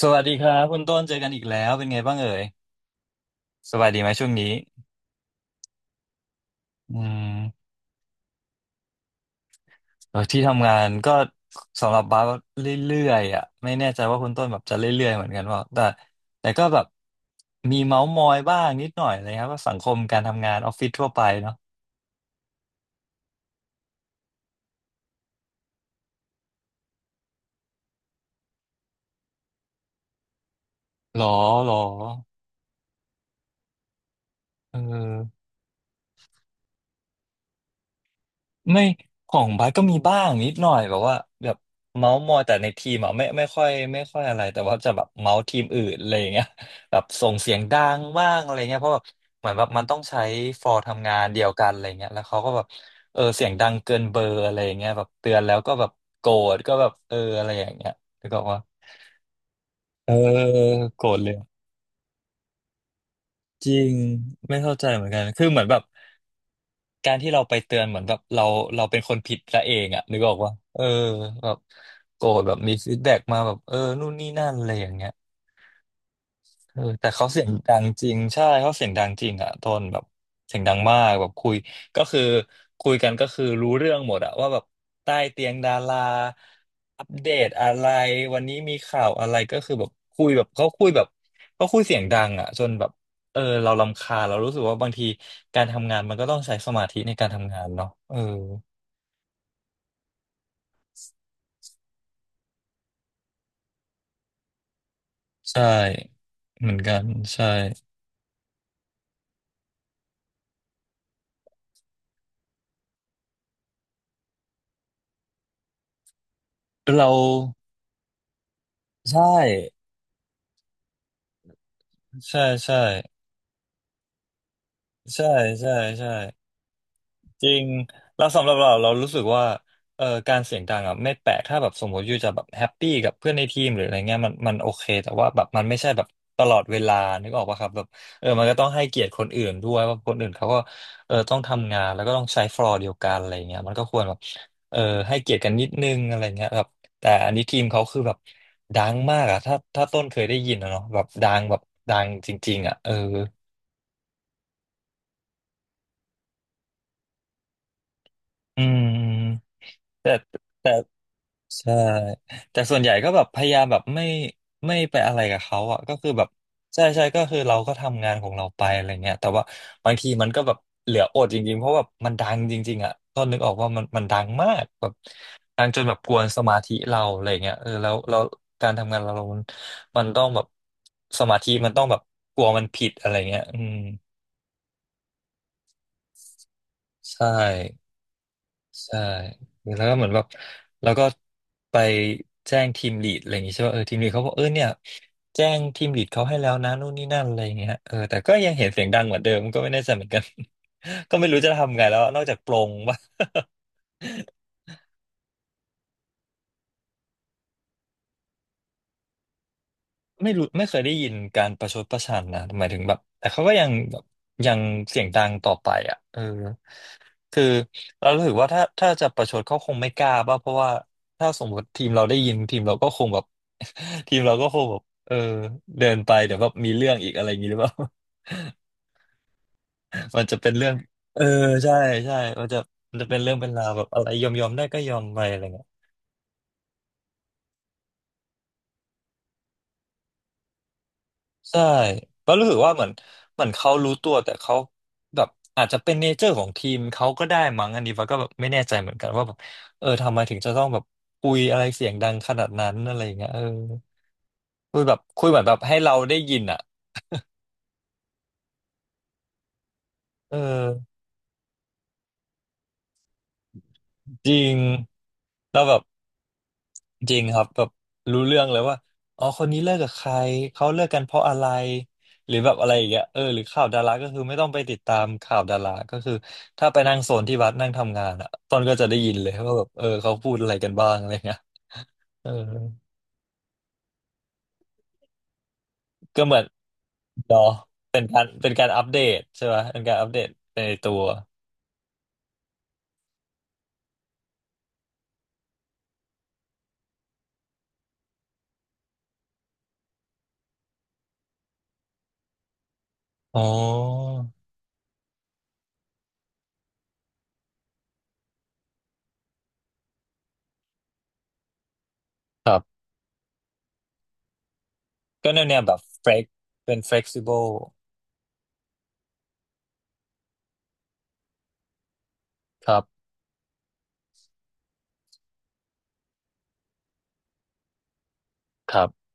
สวัสดีครับคุณต้นเจอกันอีกแล้วเป็นไงบ้างเอ่ยสบายดีไหมช่วงนี้อืมเออที่ทำงานก็สำหรับบาสเรื่อยๆอ่ะไม่แน่ใจว่าคุณต้นแบบจะเรื่อยๆเหมือนกันเปล่าแต่ก็แบบมีเมาส์มอยบ้างนิดหน่อยอะไรครับว่าสังคมการทำงานออฟฟิศทั่วไปเนาะหรอหรอเออ ไม่ของบาสก็มีบ้างนิดหน่อยแบบว่าแบบเมาส์มอยแต่ในทีมอ่ะไม่ค่อยอะไรแต่ว่าจะแบบเมาส์ทีมอื่นอะไรอย่างเงี้ยแบบส่งเสียงดังบ้างอะไรเงี้ยเพราะแบบเหมือนแบบมันต้องใช้ฟอร์ทำงานเดียวกันอะไรเงี้ยแล้วเขาก็แบบเออเสียงดังเกินเบอร์อะไรอย่างเงี้ยแบบเตือนแล้วก็แบบโกรธก็แบบเอออะไรอย่างเงี้ยแล้วก็ว่าเออโกรธเลยจริงไม่เข้าใจเหมือนกันคือเหมือนแบบ การที่เราไปเตือนเหมือนแบบเราเป็นคนผิดซะเองอะนึกออกว่าเออแบบโกรธแบบมีฟีดแบ็กมาแบบเออนู่นนี่นั่นอะไรอย่างเงี้ย เออแต่เขาเสียงดังจริงใช่เขาเสียงดังจริงอะโทนแบบเสียงดังมากแบบคุยก็คือคุยกันก็คือรู้เรื่องหมดอะว่าแบบใต้เตียงดาราอัปเดตอะไรวันนี้มีข่าวอะไรก็คือแบบคุยแบบเขาคุยแบบเขาคุยเสียงดังอะจนแบบเออเรารำคาญเรารู้สึกว่าบางทีการทำงานมันก็ต้องใช้สมาธิในการทำงานเนาะเออใช่เหมือนกันใช่เราใช่ใช่ใช่ใช่ใช่ใช่ จริงแล้วสำหรับเราเรารู้สึกว่าการเสียงดังอ่ะไม่แปลกถ้าแบบสมมติอยู่จะแบบแฮปปี้กับเพื่อนในทีมหรืออะไรเงี้ยมันโอเคแต่ว่าแบบมันไม่ใช่แบบตลอดเวลานึกออกปะครับแบบเออมันก็ต้องให้เกียรติคนอื่นด้วยว่าคนอื่นเขาก็เออต้องทำงานแล้วก็ต้องใช้ฟลอร์เดียวกันอะไรเงี้ยมันก็ควรแบบเออให้เกียรติกันนิดนึงอะไรเงี้ยครับแต่อันนี้ทีมเขาคือแบบดังมากอ่ะถ้าต้นเคยได้ยินอะเนาะแบบดังแบบดังจริงๆอ่ะเอออืมแต่แต่ ใช่แต่ส่วนใหญ่ก็แบบพยายามแบบไม่ไปอะไรกับเขาอ่ะก็คือแบบใช่ใช่ก็คือเราก็ทำงานของเราไปอะไรเงี้ยแต่ว่าบางทีมันก็แบบเหลืออดจริงๆเพราะแบบมันดังจริงๆอ่ะก็นึกออกว่ามันดังมากแบบดังจนแบบกวนสมาธิเราอะไรเงี้ยเออแล้วการทำงานเรามันต้องแบบสมาธิมันต้องแบบกลัวมันผิดอะไรเงี้ยอืมใช่ ใช่แล้วก็เหมือนแบบแล้วก็ไปแจ้งทีมลีดอะไรอย่างงี้ใช่ป่ะเออทีมลีดเขาบอกเออเนี่ยแจ้งทีมลีดเขาให้แล้วนะนู่นนี่นั่นอะไรอย่างเงี้ยเออแต่ก็ยังเห็นเสียงดังเหมือนเดิมก็ไม่แน่ใจเหมือนกัน ก็ไม่รู้จะทำไงแล้วนอกจากปลงว่ะ ไม่รู้ไม่เคยได้ยินการประชดประชันนะหมายถึงแบบแต่เขาก็ยังแบบยังเสียงดังต่อไปอ่ะเออคือเรารู้สึกว่าถ้าจะประชดเขาคงไม่กล้าป่ะเพราะว่าถ้าสมมติทีมเราได้ยินทีมเราก็คงแบบ ทีมเราก็คงแบบเออเดินไปเดี๋ยวแบบมีเรื่องอีกอะไรอย่างนี้หรือเปล่า มันจะเป็นเรื่องเออใช่ใช่มันจะมันจะเป็นเรื่องเป็นราวแบบอะไรยอมยอมได้ก็ยอมไปอะไรเงี้ย ใช่ แล้วรู้สึกว่าเหมือนเหมือนเขารู้ตัวแต่เขาแบบอาจจะเป็นเนเจอร์ของทีมเขาก็ได้มั้งอันนี้ว้าก็แบบไม่แน่ใจเหมือนกันว่าแบบเออทำไมถึงจะต้องแบบคุยอะไรเสียงดังขนาดนั้นอะไรอย่างเงี้ยเออคุยแบบคุยเหมือนแบบให้เราได้ยินอ่ะเออจริงแล้วแบบ จริงครับแบบรู้เรื่องเลยว่าอ๋อคนนี้เลิกกับใครเขาเลิกกันเพราะอะไรหรือแบบอะไรอย่างเงี้ยเออหรือข่าวดาราก็คือไม่ต้องไปติดตามข่าวดาราก็คือถ้าไปนั่งโซนที่วัดนั่งทำงานอ่ะตอนก็จะได้ยินเลยว่าแบบเออเขาพูดอะไรกันบ้างอะไรเงี้ยเออก็เหมือนเนาะเป็นการอัปเดตใช่ไหมเป็นการอัปเดตไปในตัวอ๋อครับก็แนวแบบเฟกเป็น flexible ครับครับ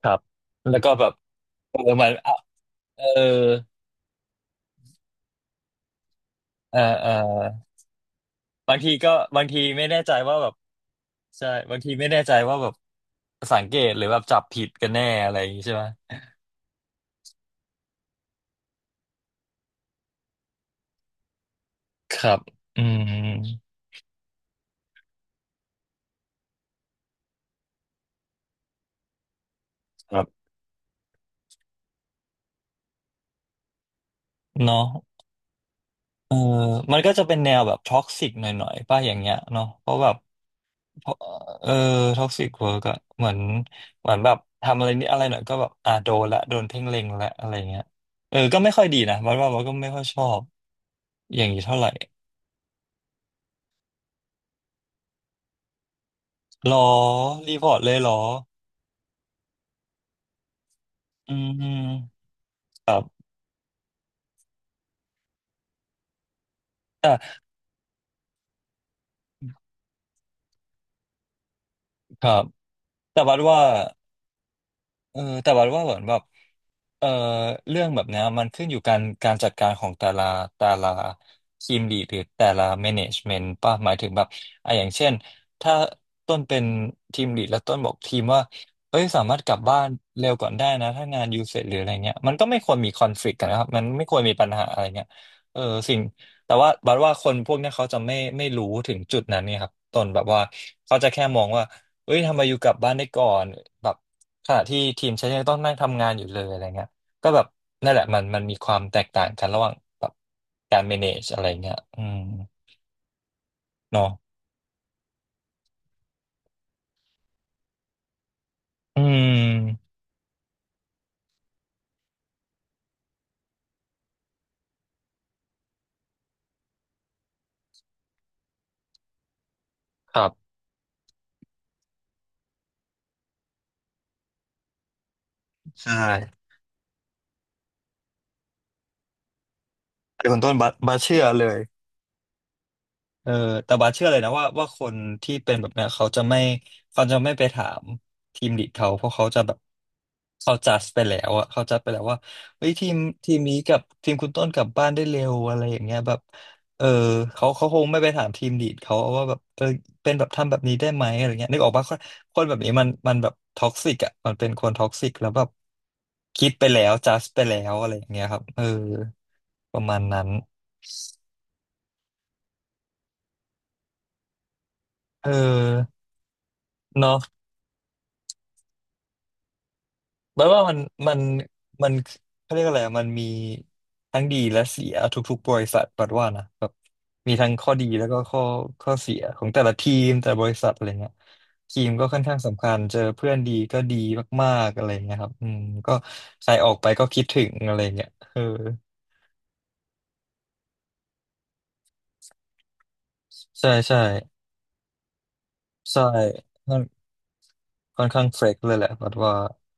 ครับแล้วก็แบบเออมันเออ เออบางทีไม่แน่ใจว่าแบบใช่บางทีไม่แน่ใจว่าแบบสังเกตหรือแบบจับผิดกันแน่อะไรอย่างงี้ใช่ไหมครับอืมครับเนาะเออมันก็จะเป็นแนวแบบท็อกซิกหน่อยๆป่ะอย่างเงี้ยเนาะเพราะแบบเพราะเออท็อกซิกเวิร์กอะเหมือนเหมือนแบบทำอะไรนิดอะไรหน่อยก็แบบโดนละโดนเพ่งเล็งละอะไรเงี้ยเออก็ไม่ค่อยดีนะมันว่ามันก็ไม่ค่อยชอบอย่างนี้เท่าไหร่หรอรีพอร์ตเลยหรออืม ครับอ่ะครับแต่ว่า เออแต่ว่าว่าเหมือนแบบเออเรื่องแบบเนี้ยมันขึ้นอยู่การจัดการของแต่ละแต่ละทีมลีดหรือแต่ละแมネจเมนต์ป่ะหมายถึงแบบอ่ะอย่างเช่นถ้าต้นเป็นทีมลีดแล้วต้นบอกทีมว่าเอ้ยสามารถกลับบ้านเร็วก่อนได้นะถ้างานยูเสร็จหรืออะไรเงี้ยมันก็ไม่ควรมีคอนฟ lict กต์กันนะครับมันไม่ควรมีปัญหาอะไรเงี้ยเออสิ่งแต่ว่าบัดว่าคนพวกเนี้ยเขาจะไม่รู้ถึงจุดนั้นเนี่ยครับต้นแบบว่าเขาจะแค่มองว่าเอ้ยทำไมอยู่กลับบ้านได้ก่อนแบบ ขณะที่ทีมฉันยังต้องนั่งทำงานอยู่เลยอะไรเงี้ยก็แบบนั่นแหละมันมีความแตกต่างกันระหว่างแบบการ manage อะไรเงี้ยอืมเนาะอืมครับ ใช่แต่คุณต้นบัสเชื่อเลย เออแต่บาสเชื่อเลยนะว่าคนที่เป็นแบบเนี้ยเขาจะไม่เขาจะไม่ไปถามทีมลีดเขาเพราะเขาจะแบบเขาจัดไปแล้วอะเขาจัดไปแล้วว่าเฮ้ยทีมทีมนี้กับทีมคุณต้นกลับบ้านได้เร็วอะไรอย่างเงี้ยแบบเออเขาคงไม่ไปถามทีมลีดเขาว่าแบบเออเป็นแบบทำแบบนี้ได้ไหมอะไรเงี้ยนึกออกปะคนคนแบบนี้มันแบบท็อกซิกอะมันเป็นคนท็อกซิกแล้วแบบคิดไปแล้วจัดไปแล้วอะไรอย่างเงี้ยครับเออประมาณนั้นเออเนาะ แล้วว่ามันมันเขาเรียกอะไรอะมันมีทั้งดีและเสียทุกๆบริษัทปัดว่านะแบบมีทั้งข้อดีแล้วก็ข้อเสียของแต่ละทีมแต่ละบริษัทอะไรเงี้ยทีมก็ค่อนข้างสำคัญเจอเพื่อนดีก็ดีมากๆอะไรเงี้ยครับอืมก็ใครออกไปก็คิดถึงอะไรเงี้ยเออใช่ใช่ใช่ค่อนค่อนข้างเฟรกเลยแหละปัดว่า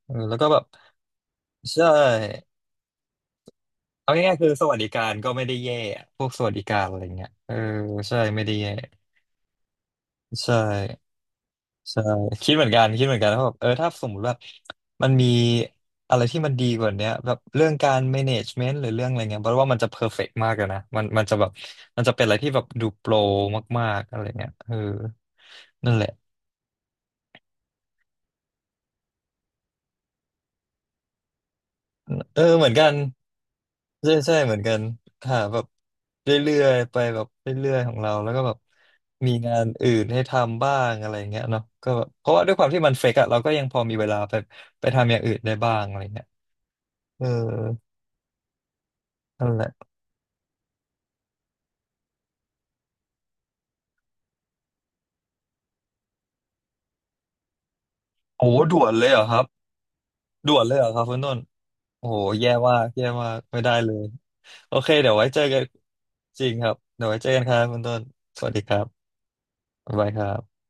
เออแล้วก็แบบใช่ เอาง่ายๆคือสวัสดิการก็ไม่ได้แย่อะพวกสวัสดิการอะไรเงี้ยเออใช่ไม่ได้แย่ใช่ใช่คิดเหมือนกันคิดเหมือนกันว่าแบบเออถ้าสมมติว่ามันมีอะไรที่มันดีกว่าเนี้ยแบบเรื่องการ management หรือเรื่องอะไรเงี้ยเพราะว่ามันจะ perfect มากเลยนะมันจะแบบมันจะเป็นอะไรที่แบบดูโปรมากๆอะไรเงี้ยเออนั่นแหละ เออเหมือนกันใช่ใช่เหมือนกันหาแบบเรื่อยๆไปแบบเรื่อยๆของเราแล้วก็แบบมีงานอื่นให้ทำบ้างอะไรเงี้ยเนาะก็แบบเพราะว่าด้วยความที่มันเฟกอะเราก็ยังพอมีเวลาไปไปทำอย่างอื่นได้บ้างอะไรเงี้ยเออนั่นแหละโอ้ด่วนเลยเหรอครับด่วนเลยเหรอครับคุณต้นโอ้โหแย่มากแย่มากไม่ได้เลยโอเคเดี๋ยวไว้เจอกันจริงครับเดี๋ยวไว้เจอกันครับคุณต้นสวัสดีครับบ๊ายบายครับ